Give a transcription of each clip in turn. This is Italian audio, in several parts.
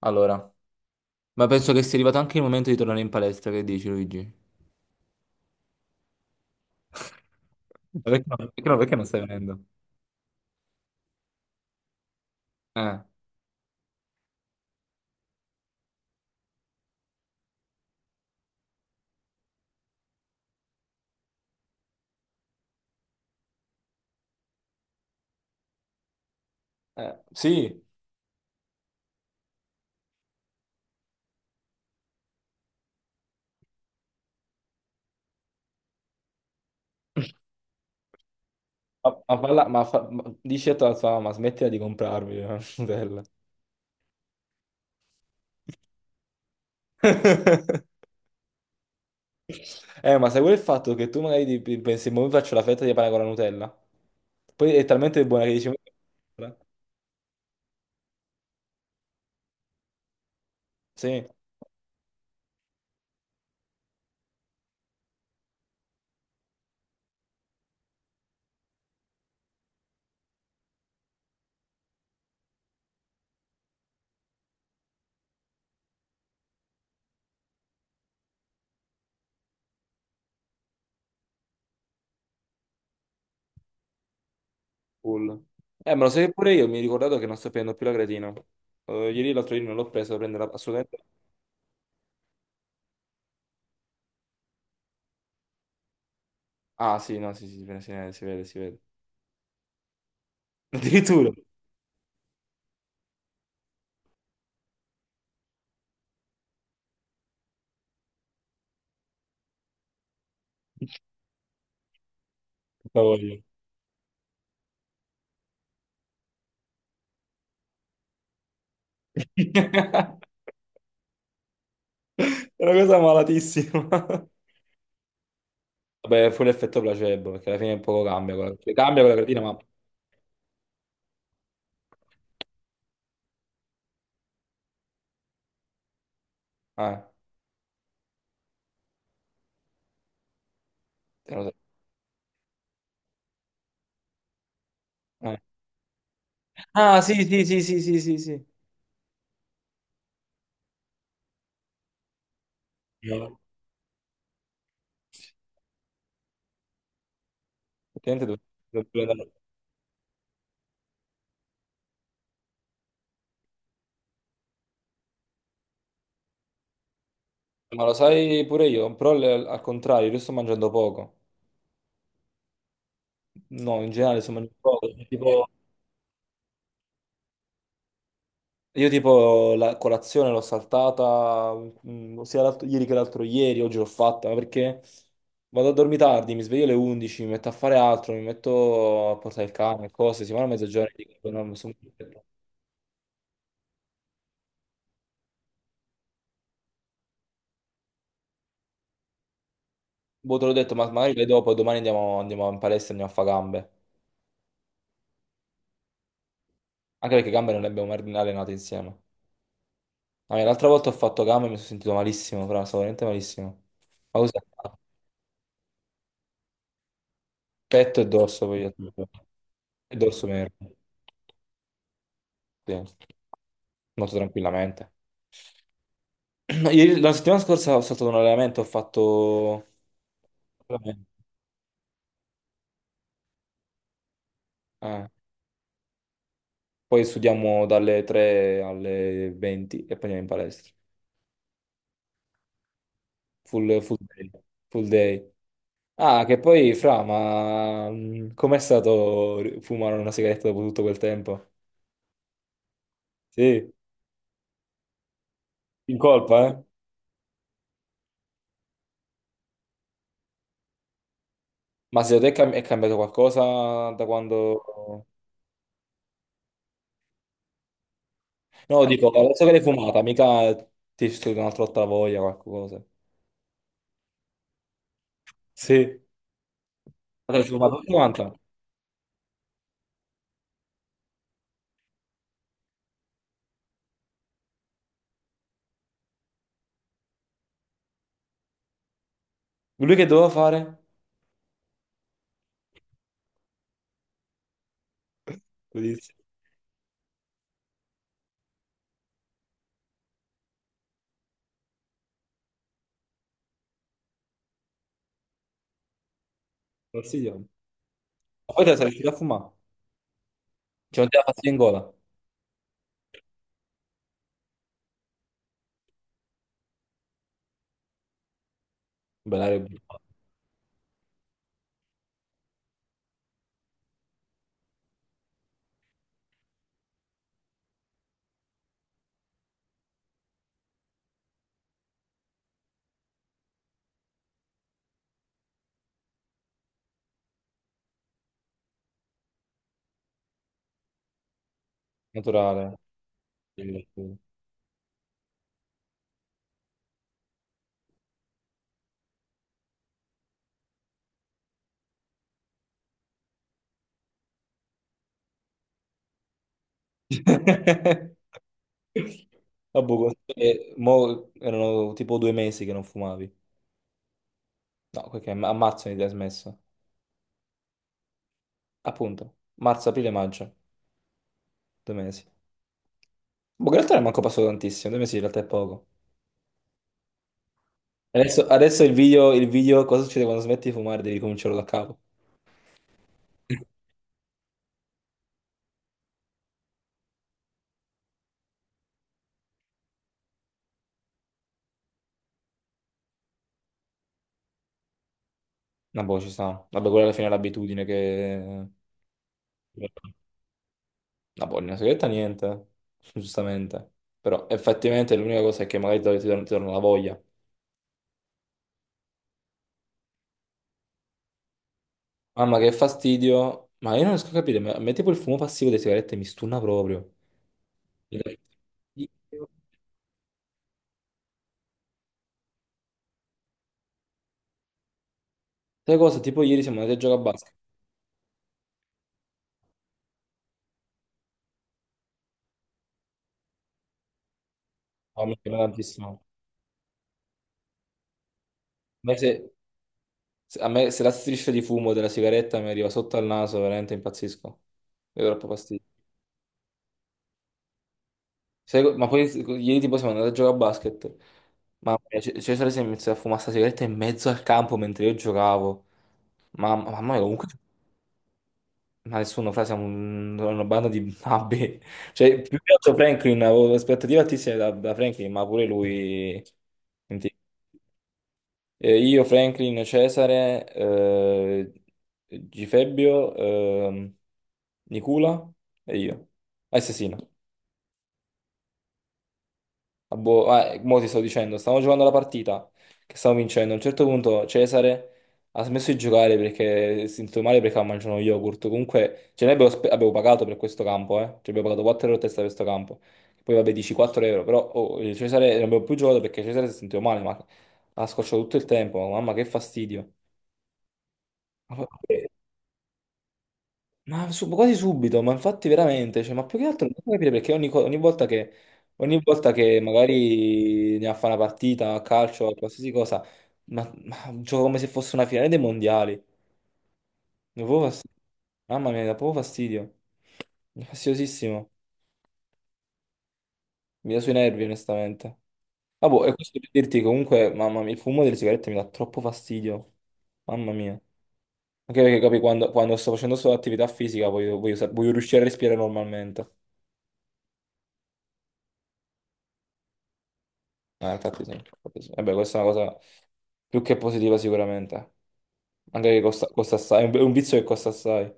Allora, ma penso che sia arrivato anche il momento di tornare in palestra, che dici, Luigi? Ma perché no? Perché no? Perché non stai venendo? Eh, sì, dici a tua mamma, ma smettila di comprarmi Nutella. Ma sai pure il fatto che tu magari ti pensi, ma mi faccio la fetta di pane con la Nutella? Poi è talmente buona che dici... "Ma- sì, full. Ma lo sai pure io, mi ho ricordato che non sto prendendo più la creatina. Ieri l'altro ieri non l'ho presa, devo prendere assolutamente... Ah, sì, no, sì, sì, si vede, si vede, si vede. Addirittura, la voglio. È una cosa malatissima. Vabbè, fu l'effetto placebo, perché alla fine poco cambia. Cioè, cambia quella creatina, ma... eh, te lo so, eh. Ah, sì, sì, sì, sì, sì, sì, sì. No. Effettivamente dovrebbe andare. Ma lo sai pure io, però al contrario, io sto mangiando poco. No, in generale sto mangiando poco. Tipo... Io tipo la colazione l'ho saltata sia ieri che l'altro ieri, oggi l'ho fatta ma perché vado a dormire tardi, mi sveglio alle 11, mi metto a fare altro, mi metto a portare il cane, cose, si vanno a mezzogiorno e dico, no, mi sono... Boh, te l'ho detto, ma magari vai dopo e domani andiamo, andiamo in palestra e andiamo a fare gambe. Anche perché gambe non le abbiamo mai allenate insieme. Ah, l'altra volta ho fatto gambe e mi sono sentito malissimo, fra, stavo veramente malissimo. Ma cos'è? Petto e dorso poi. E dorso meno. Sì, molto tranquillamente. No, la settimana scorsa ho saltato un allenamento, ho fatto... allenamento. Ah, poi studiamo dalle 3 alle 20 e poi andiamo in palestra. Full, full day. Full day. Ah, che poi, Fra, ma com'è stato fumare una sigaretta dopo tutto quel tempo? Sì, in colpa, eh? Ma secondo te è è cambiato qualcosa da quando... No, dico, adesso che l'hai fumata, mica ti è uscita un'altra volta la voglia, qualcosa. Sì. Ma l'hai fumata tutta quanta? Lui che doveva fare? Lo dici, consigliamo. Ma poi te la sei riuscito a fumare? Cioè non te la passi in gola? Bella roba, naturale. Vabbè, mo erano tipo due mesi che non fumavi. No, perché a marzo mi hai smesso. Appunto, marzo, aprile, maggio, due mesi. Boh, in realtà non è manco passato tantissimo, due mesi in realtà è poco. Adesso il video, cosa succede quando smetti di fumare? Devi cominciarlo da capo. No, boh, ci sta. Vabbè, quella alla fine è l'abitudine che... La pollina segreta niente, giustamente. Però effettivamente l'unica cosa è che magari ti torna la voglia. Mamma che fastidio. Ma io non riesco a capire, a me tipo il fumo passivo delle sigarette mi stunna proprio. Mi dà fastidio. Sai cosa? Tipo ieri siamo andati a giocare a basket. Oh, mi piace tantissimo. A me a me se la striscia di fumo della sigaretta mi arriva sotto al naso, veramente impazzisco. Mi dà troppo fastidio. Ma poi ieri tipo siamo andati a giocare a basket. Mamma mia, Cesare si è iniziato a fumare sta sigaretta in mezzo al campo mentre io giocavo. Mamma, mamma mia, comunque ma nessuno fa, siamo una banda di babbe. Cioè, più che altro Franklin, avevo aspettative altissime da Franklin, ma pure lui... senti. Io, Franklin, Cesare, Gifebbio, Nicola e io. Assassino. Ah, boh, ah, mo ti sto dicendo, stavamo giocando la partita che stavamo vincendo. A un certo punto Cesare ha smesso di giocare perché si è sentito male perché aveva mangiato uno yogurt. Comunque, ce ne abbiamo, abbiamo pagato per questo campo, eh. Ci abbiamo pagato 4 euro a testa per questo campo. Poi vabbè, dici 4 euro, però oh, Cesare non abbiamo più giocato perché Cesare si è sentito male, ma ha scocciato tutto il tempo. Mamma, che fastidio. Quasi subito, ma infatti veramente, cioè, ma più che altro non posso capire perché ogni volta che magari ne fa una partita a calcio, a qualsiasi cosa, ma gioco come se fosse una finale dei mondiali. Mi dà proprio fastidio. Mamma mia, mi dà proprio fastidio. È fastidiosissimo. Mi dà sui nervi, onestamente. Ah, boh, e questo per dirti comunque, mamma mia, il fumo delle sigarette mi dà troppo fastidio. Mamma mia. Anche perché capi, quando sto facendo solo attività fisica voglio, voglio riuscire a respirare normalmente. Infatti sì, infatti sì. Vabbè, questa è una cosa più che positiva sicuramente. Anche che costa, costa assai, è un vizio che costa assai.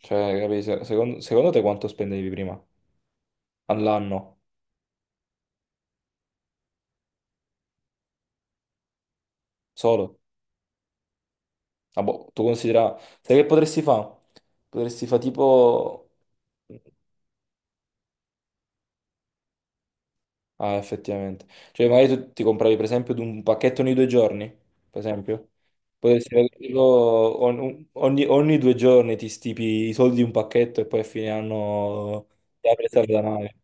Cioè, capi, secondo te quanto spendevi prima? All'anno? Solo? Ah, boh, tu considera... Sai che potresti fare? Potresti fare tipo... Ah, effettivamente. Cioè, magari tu ti compravi, per esempio, di un pacchetto ogni due giorni, per esempio. Potresti averlo ogni, ogni due giorni ti stipi i soldi di un pacchetto e poi a fine anno ti apri e da male.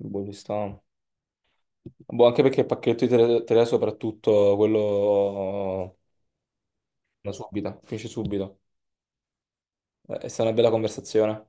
Boh, ci sta. Boh, anche perché il pacchetto di tele, tele soprattutto quello da subito, finisce subito. È stata una bella conversazione.